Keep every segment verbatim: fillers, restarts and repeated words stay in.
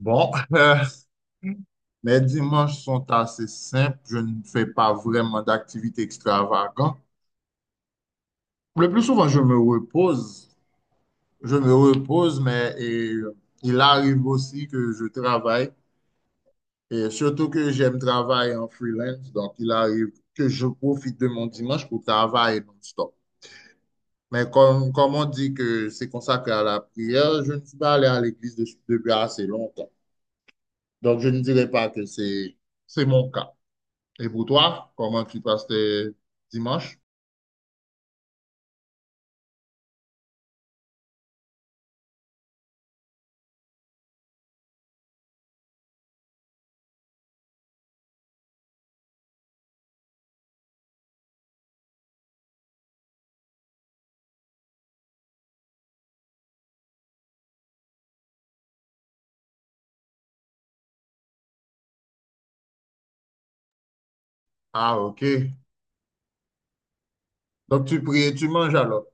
Bon, euh, mes dimanches sont assez simples. Je ne fais pas vraiment d'activités extravagantes. Le plus souvent, je me repose. Je me repose, mais et, euh, il arrive aussi que je travaille. Et surtout que j'aime travailler en freelance. Donc, il arrive que je profite de mon dimanche pour travailler non-stop. Mais comme, comme on dit que c'est consacré à la prière, je ne suis pas allé à l'église de- depuis assez longtemps. Donc, je ne dirais pas que c'est c'est mon cas. Et pour toi, comment tu passes tes dimanches? Ah, ok. Donc tu pries et tu manges alors.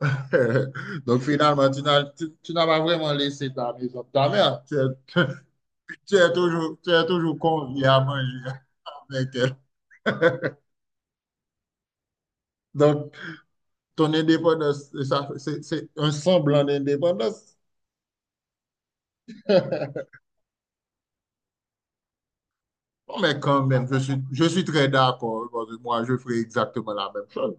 Donc finalement, tu n'as tu, tu n'as pas vraiment laissé ta maison de ta mère. Tu es, tu es toujours, tu es toujours convié à manger avec elle. Donc ton indépendance, ça, c'est c'est un semblant d'indépendance. Non, mais quand même, je suis, je suis très d'accord, parce que moi, je ferai exactement la même chose.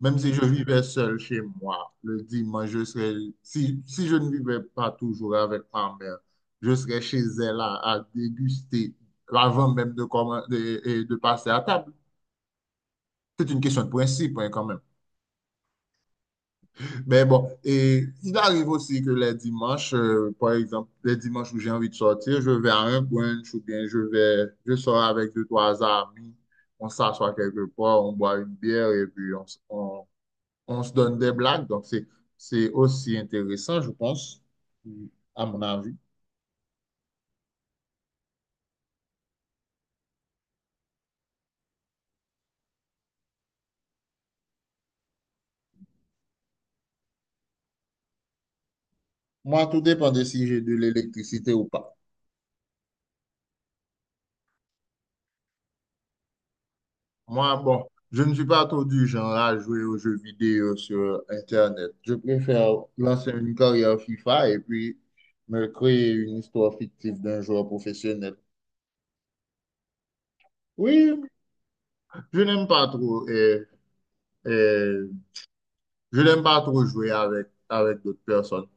Même si je vivais seul chez moi, le dimanche, je serais, si, si je ne vivais pas toujours avec ma mère, je serais chez elle à, à déguster avant même de, commen- de, et de passer à table. C'est une question de principe, hein, quand même. Mais bon, et il arrive aussi que les dimanches, euh, par exemple, les dimanches où j'ai envie de sortir, je vais à un brunch ou bien je vais, je sors avec deux, trois amis, on s'assoit quelque part, on boit une bière et puis on, s- on on se donne des blagues, donc c'est, c'est aussi intéressant, je pense, à mon avis. Moi, tout dépend de si j'ai de l'électricité ou pas. Moi, bon, je ne suis pas trop du genre à jouer aux jeux vidéo sur Internet. Je préfère lancer une carrière FIFA et puis me créer une histoire fictive d'un joueur professionnel. Oui, je n'aime pas trop et, je n'aime pas trop jouer avec, avec d'autres personnes.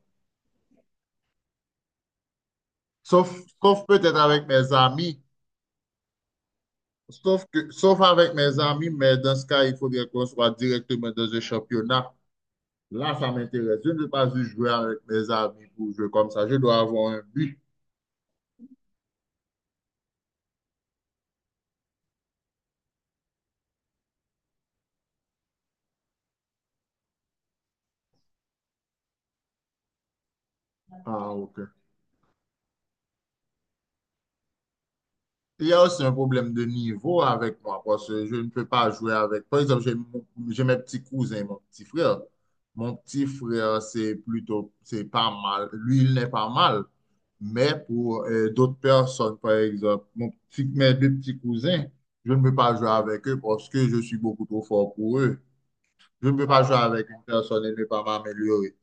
Sauf, sauf peut-être avec mes amis. Sauf que, sauf avec mes amis, mais dans ce cas, il faudrait qu'on soit directement dans un championnat. Là, ça m'intéresse. Je ne veux pas juste jouer avec mes amis pour jouer comme ça. Je dois avoir un but. Ah, ok. Il y a aussi un problème de niveau avec moi parce que je ne peux pas jouer avec. Par exemple, j'ai mon- j'ai mes petits cousins, mon petit frère. Mon petit frère, c'est plutôt, c'est pas mal. Lui, il n'est pas mal. Mais pour euh, d'autres personnes, par exemple, mon petit, mes deux petits cousins, je ne peux pas jouer avec eux parce que je suis beaucoup trop fort pour eux. Je ne peux pas jouer avec une personne et ne pas m'améliorer.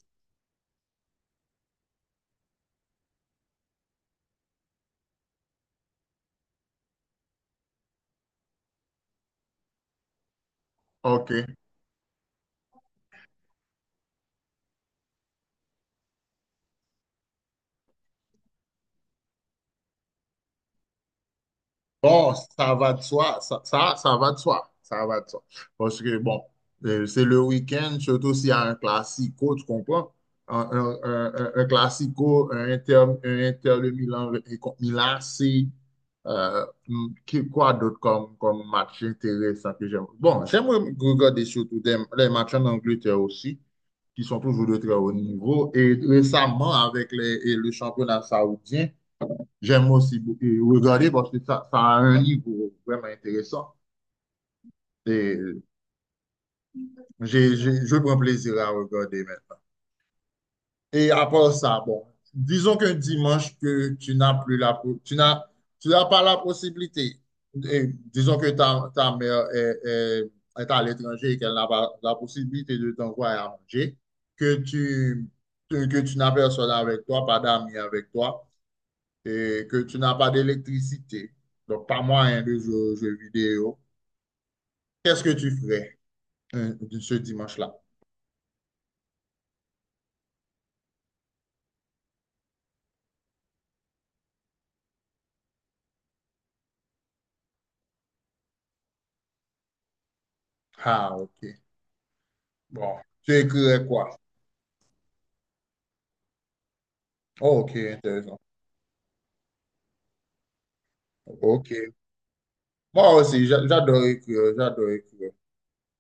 OK. Bon, ça va de soi, ça, ça, ça va de soi, ça va de soi. Parce que, bon, euh, c'est le week-end, surtout s'il y a un classico, tu comprends? Un, un, un, un- un classico, un Inter, un Inter de Milan et contre Milan, c'est euh, qui- quoi d'autre comme, comme match intéressant que j'aime? Bon, j'aime regarder surtout des, les matchs en Angleterre aussi, qui sont toujours de très haut niveau. Et récemment, avec les, et le championnat saoudien, j'aime aussi beaucoup regarder parce que ça, ça a un niveau vraiment intéressant. Et j'ai, j'ai- je prends plaisir à regarder maintenant. Et à part ça, bon, disons qu'un dimanche que tu n'as plus la, po- tu n'as, tu n'as pas la possibilité. Et disons que ta, ta mère est, est- est à l'étranger et qu'elle n'a pas la possibilité de t'envoyer à manger, que tu, que que tu n'as personne avec toi, pas d'amis avec toi, et que tu n'as pas d'électricité. Donc, pas moyen de jouer aux jeux vidéo. Qu'est-ce que tu ferais euh, de ce dimanche-là? Ah, ok. Bon, tu écrirais quoi? Oh, ok, intéressant. Ok. Moi aussi, j'a- j'adore écrire, j'adore écrire.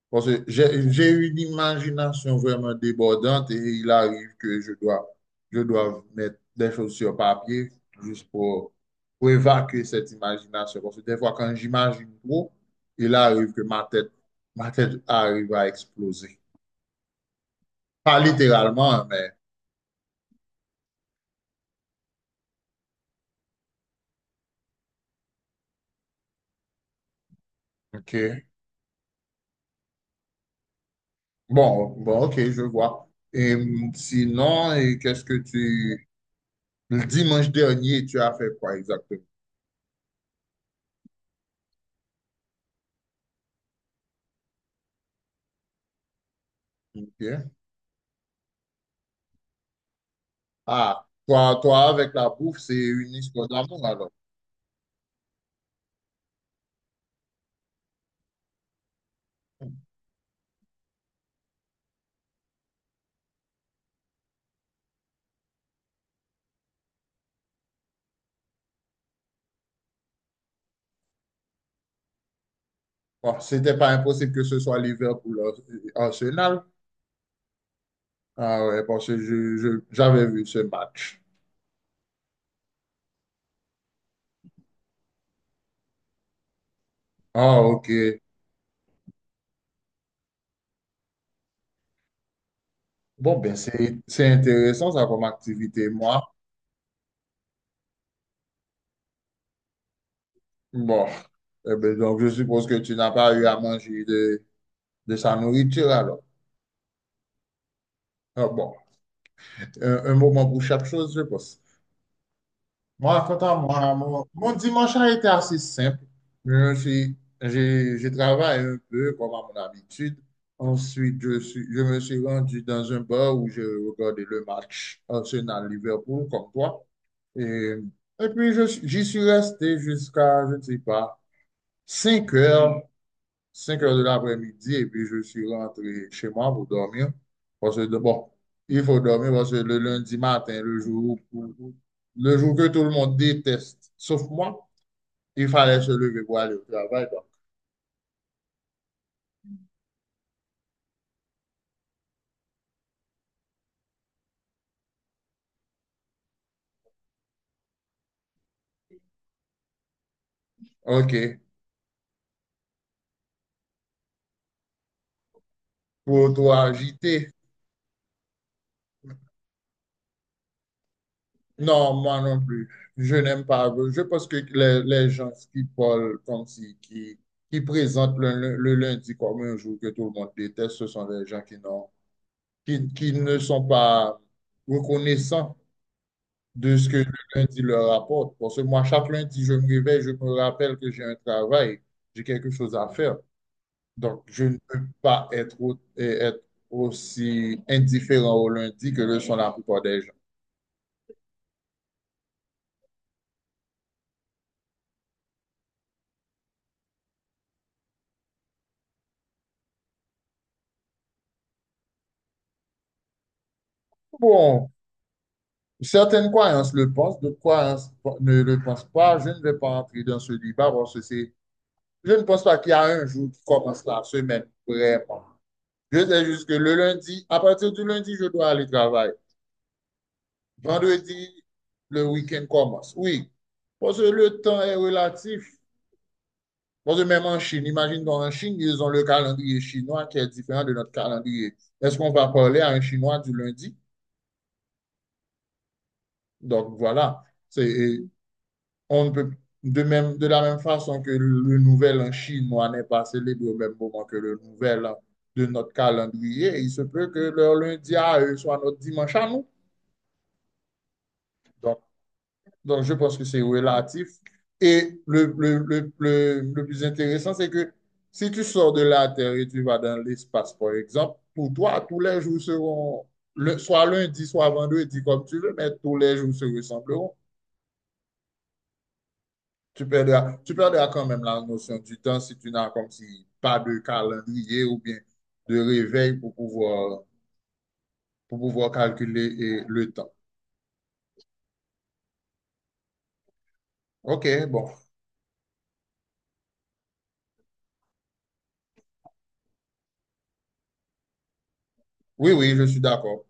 Parce que j'ai j'ai une imagination vraiment débordante et il arrive que je dois, je dois mettre des choses sur papier juste pour, pour évacuer cette imagination. Parce que des fois, quand j'imagine trop, il arrive que ma tête, ma tête arrive à exploser. Pas littéralement, mais... Ok. Bon, bon, ok, je vois. Et hum, sinon, et qu'est-ce que tu... Le dimanche dernier, tu as fait quoi exactement? Ok. Ah, toi, toi, avec la bouffe, c'est une histoire d'amour alors. Bon, c'était pas impossible que ce soit Liverpool Ar- Arsenal. Ah ouais, parce que je, je- j'avais vu ce match. Ah, ok. Bon, ben, c'est, c'est intéressant ça comme activité, moi. Bon, eh ben, donc je suppose que tu n'as pas eu à manger de, de sa nourriture alors. Ah, bon. un, un moment pour chaque chose, je pense. Moi, quant à moi, mon, mon dimanche a été assez simple. Je suis, j'ai, j'ai travaillé un peu comme à mon habitude. Ensuite, je suis, je me suis rendu dans un bar où je regardais le match Arsenal-Liverpool, comme toi. Et, et puis, je suis- j'y suis resté jusqu'à, je ne sais pas, cinq heures cinq heures de l'après-midi et puis je suis rentré chez moi pour dormir. Parce que, bon, il faut dormir parce que le lundi matin, le jour, où- où- le jour que tout le monde déteste, sauf moi, il fallait se lever pour aller au travail. Donc. OK. Pour toi agiter. Non, moi non plus. Je n'aime pas. Je pense que les, les gens qui parlent comme si, qui, qui présentent le, le- le lundi comme un jour que tout le monde déteste, ce sont des gens qui n'ont, qui, qui ne sont pas reconnaissants de ce que le lundi leur apporte. Parce que moi, chaque lundi, je me réveille, je me rappelle que j'ai un travail, j'ai quelque chose à faire. Donc, je ne peux pas être, au- et être aussi indifférent au lundi que le sont la plupart des gens. Bon, certaines croyances le pensent, d'autres croyances ne le pensent pas. Je ne vais pas entrer dans ce débat parce que c'est, je ne pense pas qu'il y a un jour qui commence la semaine, vraiment. Je sais juste que le lundi, à partir du lundi, je dois aller travailler. Vendredi, le week-end commence. Oui, parce que le temps est relatif. Parce que même en Chine, imagine donc en Chine, ils ont le calendrier chinois qui est différent de notre calendrier. Est-ce qu'on va parler à un Chinois du lundi? Donc voilà, c'est, on ne peut de même, de la même façon que le nouvel en chinois n'est pas célébré au même moment que le nouvel an de notre calendrier, il se peut que leur lundi à eux soit notre dimanche à nous. Donc, Donc, je pense que c'est relatif. Et le, le, le, le, le plus intéressant, c'est que si tu sors de la Terre et tu vas dans l'espace, par exemple, pour toi, tous les jours seront, le, soit lundi, soit vendredi, comme tu veux, mais tous les jours se ressembleront. Tu perdras, tu perdras quand même la notion du temps si tu n'as comme si pas de calendrier ou bien de réveil pour pouvoir, pour pouvoir calculer eh, le temps. OK, bon. Oui, oui, je suis d'accord.